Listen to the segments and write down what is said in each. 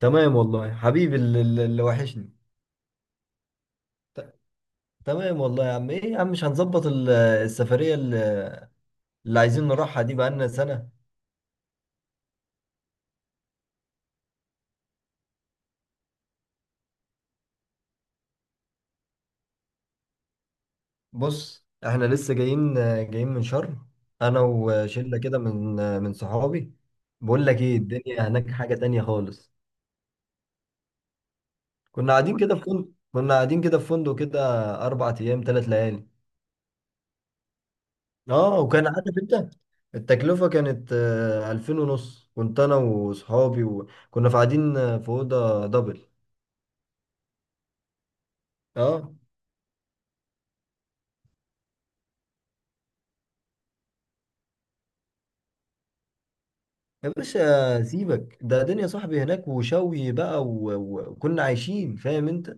تمام والله حبيبي اللي وحشني. ت- تمام والله يا عم، ايه يا عم، مش هنظبط السفرية اللي عايزين نروحها دي بقالنا سنة. بص احنا لسه جايين من شرم. انا وشلة كده من صحابي. بقول لك ايه، الدنيا هناك حاجة تانية خالص. كنا قاعدين كده في فندق كده، 4 ايام 3 ليالي. اه وكان عارف انت التكلفة كانت، 2500. كنت أنا وصحابي وكنا في قاعدين في أوضة دبل. اه. يا باشا سيبك ده، دنيا صاحبي هناك وشوي بقى، وكنا عايشين، فاهم انت.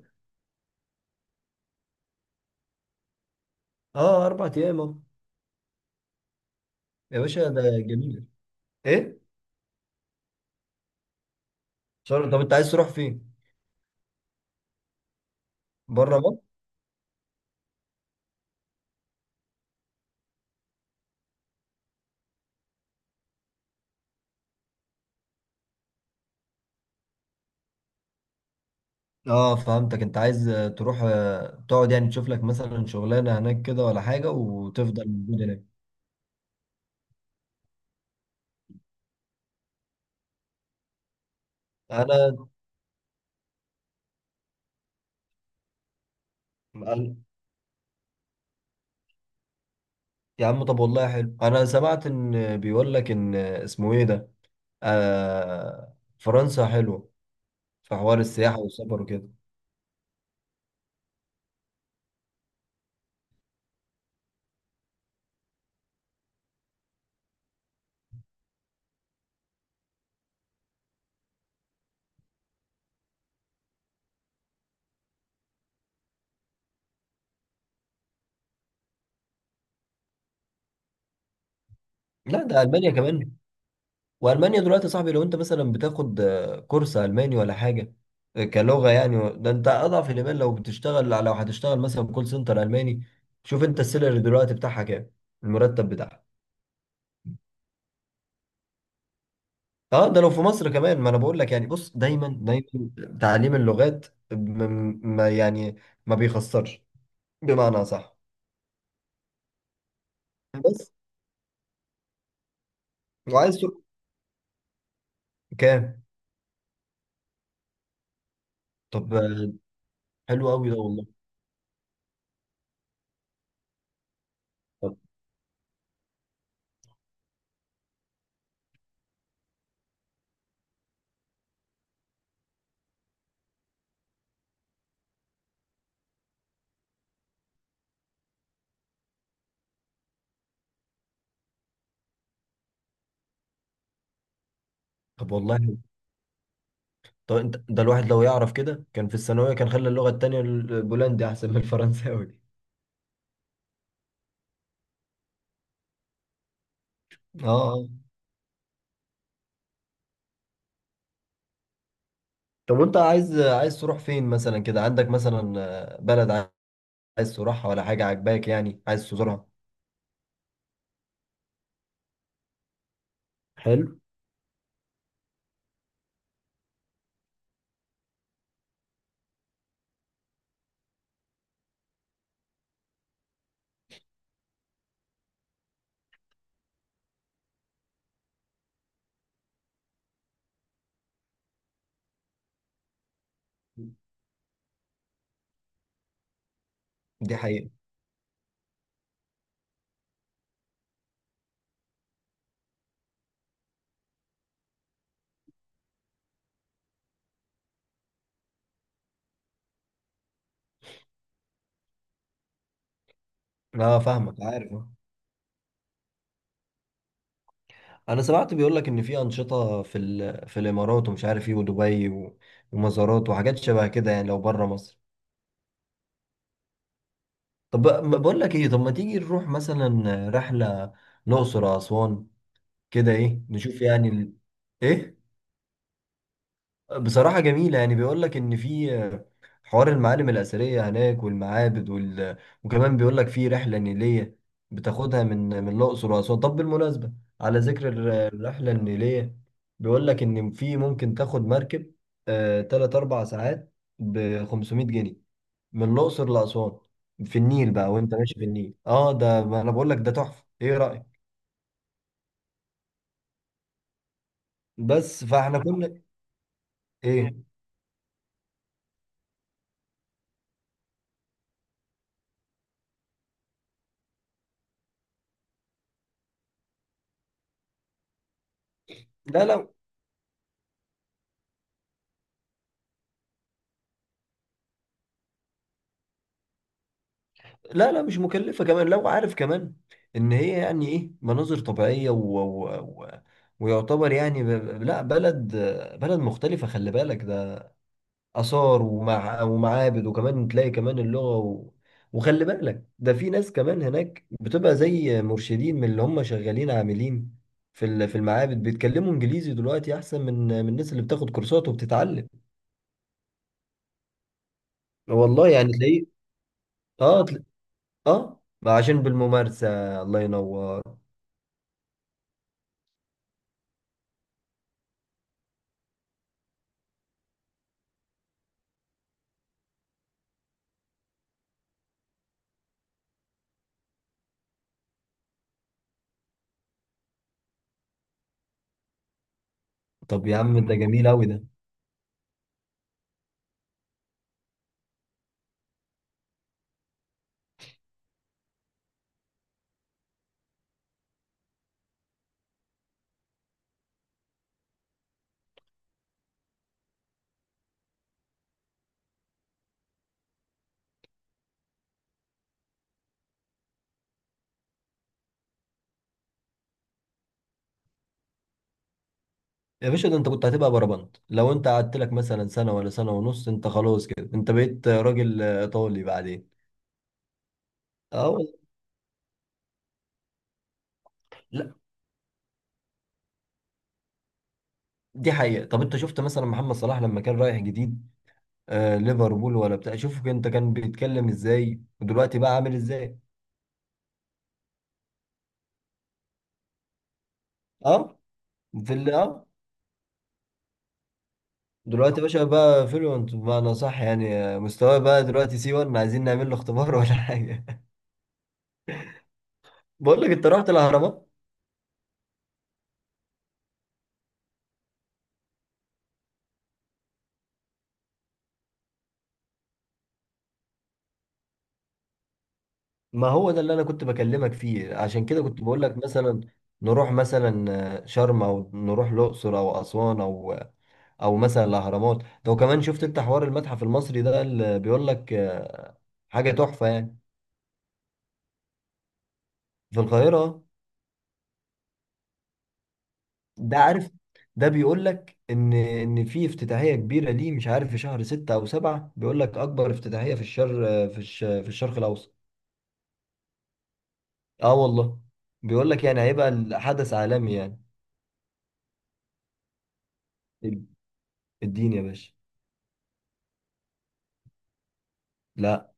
اه، اربع ايام اهو. يا باشا ده جميل. ايه؟ شهر؟ طب انت عايز تروح فين؟ بره مصر؟ اه فهمتك، انت عايز تروح، تقعد، يعني تشوف لك مثلا شغلانه هناك كده ولا حاجه، وتفضل موجود هناك. انا أنا- يا عم طب والله حلو، انا سمعت ان بيقول لك ان، اسمه ايه ده، آه فرنسا حلوه في حوار السياحه والسفر وكده. لا، ده المانيا كمان. والمانيا دلوقتي يا صاحبي، لو انت مثلا بتاخد كورس الماني ولا حاجه، كلغه يعني، ده انت اضعف الايمان. لو هتشتغل مثلا كول سنتر الماني، شوف انت السالري دلوقتي بتاعها كام، المرتب بتاعها. اه، ده لو في مصر كمان. ما انا بقول لك يعني، بص دايما دايما تعليم اللغات م- ما يعني ما بيخسرش، بمعنى صح. بس، وعايز تروح كام؟ طب حلو قوي ده والله. طب طب والله، طب انت ده الواحد لو يعرف كده كان في الثانوية، كان خلى اللغة التانية البولندي أحسن من الفرنساوي دي. اه، آه. طب وانت عايز تروح فين مثلا كده؟ عندك مثلا بلد عايز تروحها، ولا حاجة عاجباك يعني عايز تزورها؟ حلو. دي حقيقة. اه فاهمك، عارف. انا سمعت بيقول لك ان في أنشطة، في الامارات ومش عارف ايه، ودبي ومزارات وحاجات شبه كده، يعني لو بره مصر. طب، ما بقول لك ايه، طب ما تيجي نروح مثلا رحلة الأقصر أو أسوان، كده ايه نشوف يعني ايه؟ بصراحة جميلة، يعني بيقول لك إن في حوار المعالم الأثرية هناك والمعابد وكمان بيقول لك في رحلة نيلية بتاخدها من الأقصر وأسوان. طب بالمناسبة، على ذكر الرحلة النيلية، بيقول لك إن في، ممكن تاخد مركب تلات أربع ساعات ب 500 جنيه من الأقصر لأسوان في النيل بقى، وأنت ماشي في النيل ده ما أنا بقول لك، ده تحفة، إيه رأيك؟ بس فإحنا كنا، إيه؟ لا، لا لا. لا مش مكلفة، كمان لو عارف كمان ان هي يعني ايه، مناظر طبيعية ويعتبر يعني، لا بلد، بلد مختلفة، خلي بالك ده آثار ومعابد، وكمان تلاقي كمان اللغة، وخلي بالك ده في ناس كمان هناك بتبقى زي مرشدين، من اللي هم شغالين عاملين في المعابد، بيتكلموا انجليزي دلوقتي احسن من الناس اللي بتاخد كورسات وبتتعلم. والله يعني تلاقيه، اه تلا- اه ما عشان بالممارسة. الله ينور. طب يا عم ده جميل قوي ده. يا باشا، ده انت كنت هتبقى بربنت لو انت قعدت لك مثلا سنه ولا سنه ونص. انت خلاص كده انت بقيت راجل ايطالي بعدين. اه والله. لا دي حقيقه. طب انت شفت مثلا محمد صلاح لما كان رايح جديد ليفربول ولا بتاع، شوف انت كان بيتكلم ازاي، ودلوقتي بقى عامل ازاي. اه. في ال- اه دلوقتي يا باشا بقى فلوينت، بمعنى صح يعني، مستواه بقى دلوقتي سي 1، عايزين نعمل له اختبار ولا حاجه؟ بقول لك، انت رحت الاهرامات؟ ما هو ده اللي انا كنت بكلمك فيه، عشان كده كنت بقول لك مثلا نروح مثلا شرم، او نروح الاقصر او اسوان، او او مثلا الاهرامات. لو كمان شفت انت حوار المتحف المصري ده، اللي بيقول لك حاجه تحفه يعني. في القاهره. ده عارف، ده بيقول لك ان في افتتاحيه كبيره، ليه مش عارف، في شهر ستة او سبعة، بيقول لك اكبر افتتاحيه في الشرق الاوسط. اه والله. بيقول لك يعني هيبقى الحدث عالمي يعني. اديني يا باشا. لا.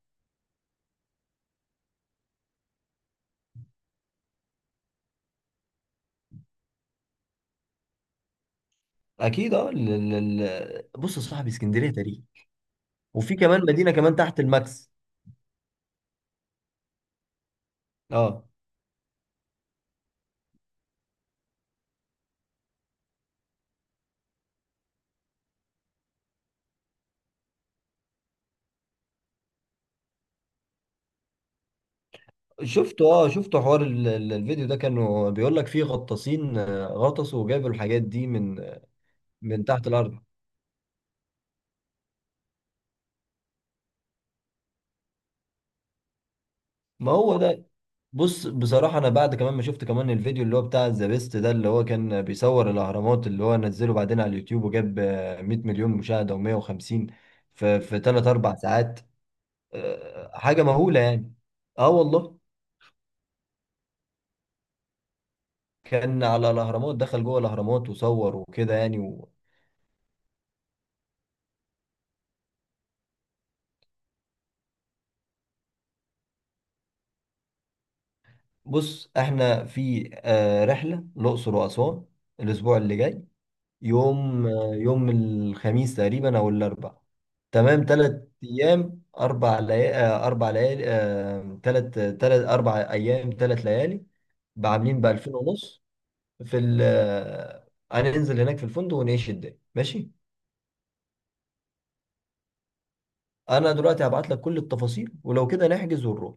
اكيد اه، بص يا صاحبي، اسكندريه تاريخ، وفي كمان مدينه كمان تحت الماكس. اه شفته حوار الفيديو ده، كانوا بيقول لك فيه غطاسين غطسوا وجابوا الحاجات دي من تحت الارض. ما هو ده. بص بصراحه، انا بعد كمان ما شفت كمان الفيديو اللي هو بتاع ذا بيست ده، اللي هو كان بيصور الاهرامات، اللي هو نزله بعدين على اليوتيوب، وجاب 100 مليون مشاهده و150، في 3 4 ساعات. حاجه مهوله يعني. اه والله. كان على الاهرامات، دخل جوه الاهرامات وصور وكده يعني. بص احنا في رحله الاقصر واسوان الاسبوع اللي جاي، يوم الخميس تقريبا او الاربع. تمام، 3 ايام 4 ليالي، 4 ليالي، ثلاث 4 ايام 3 ليالي، بعاملين ب 2000 ونص. في ال آه، هننزل هناك في الفندق ونعيش الدنيا، ماشي؟ انا دلوقتي هبعت لك كل التفاصيل، ولو كده نحجز ونروح.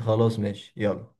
خلاص ماشي يلا.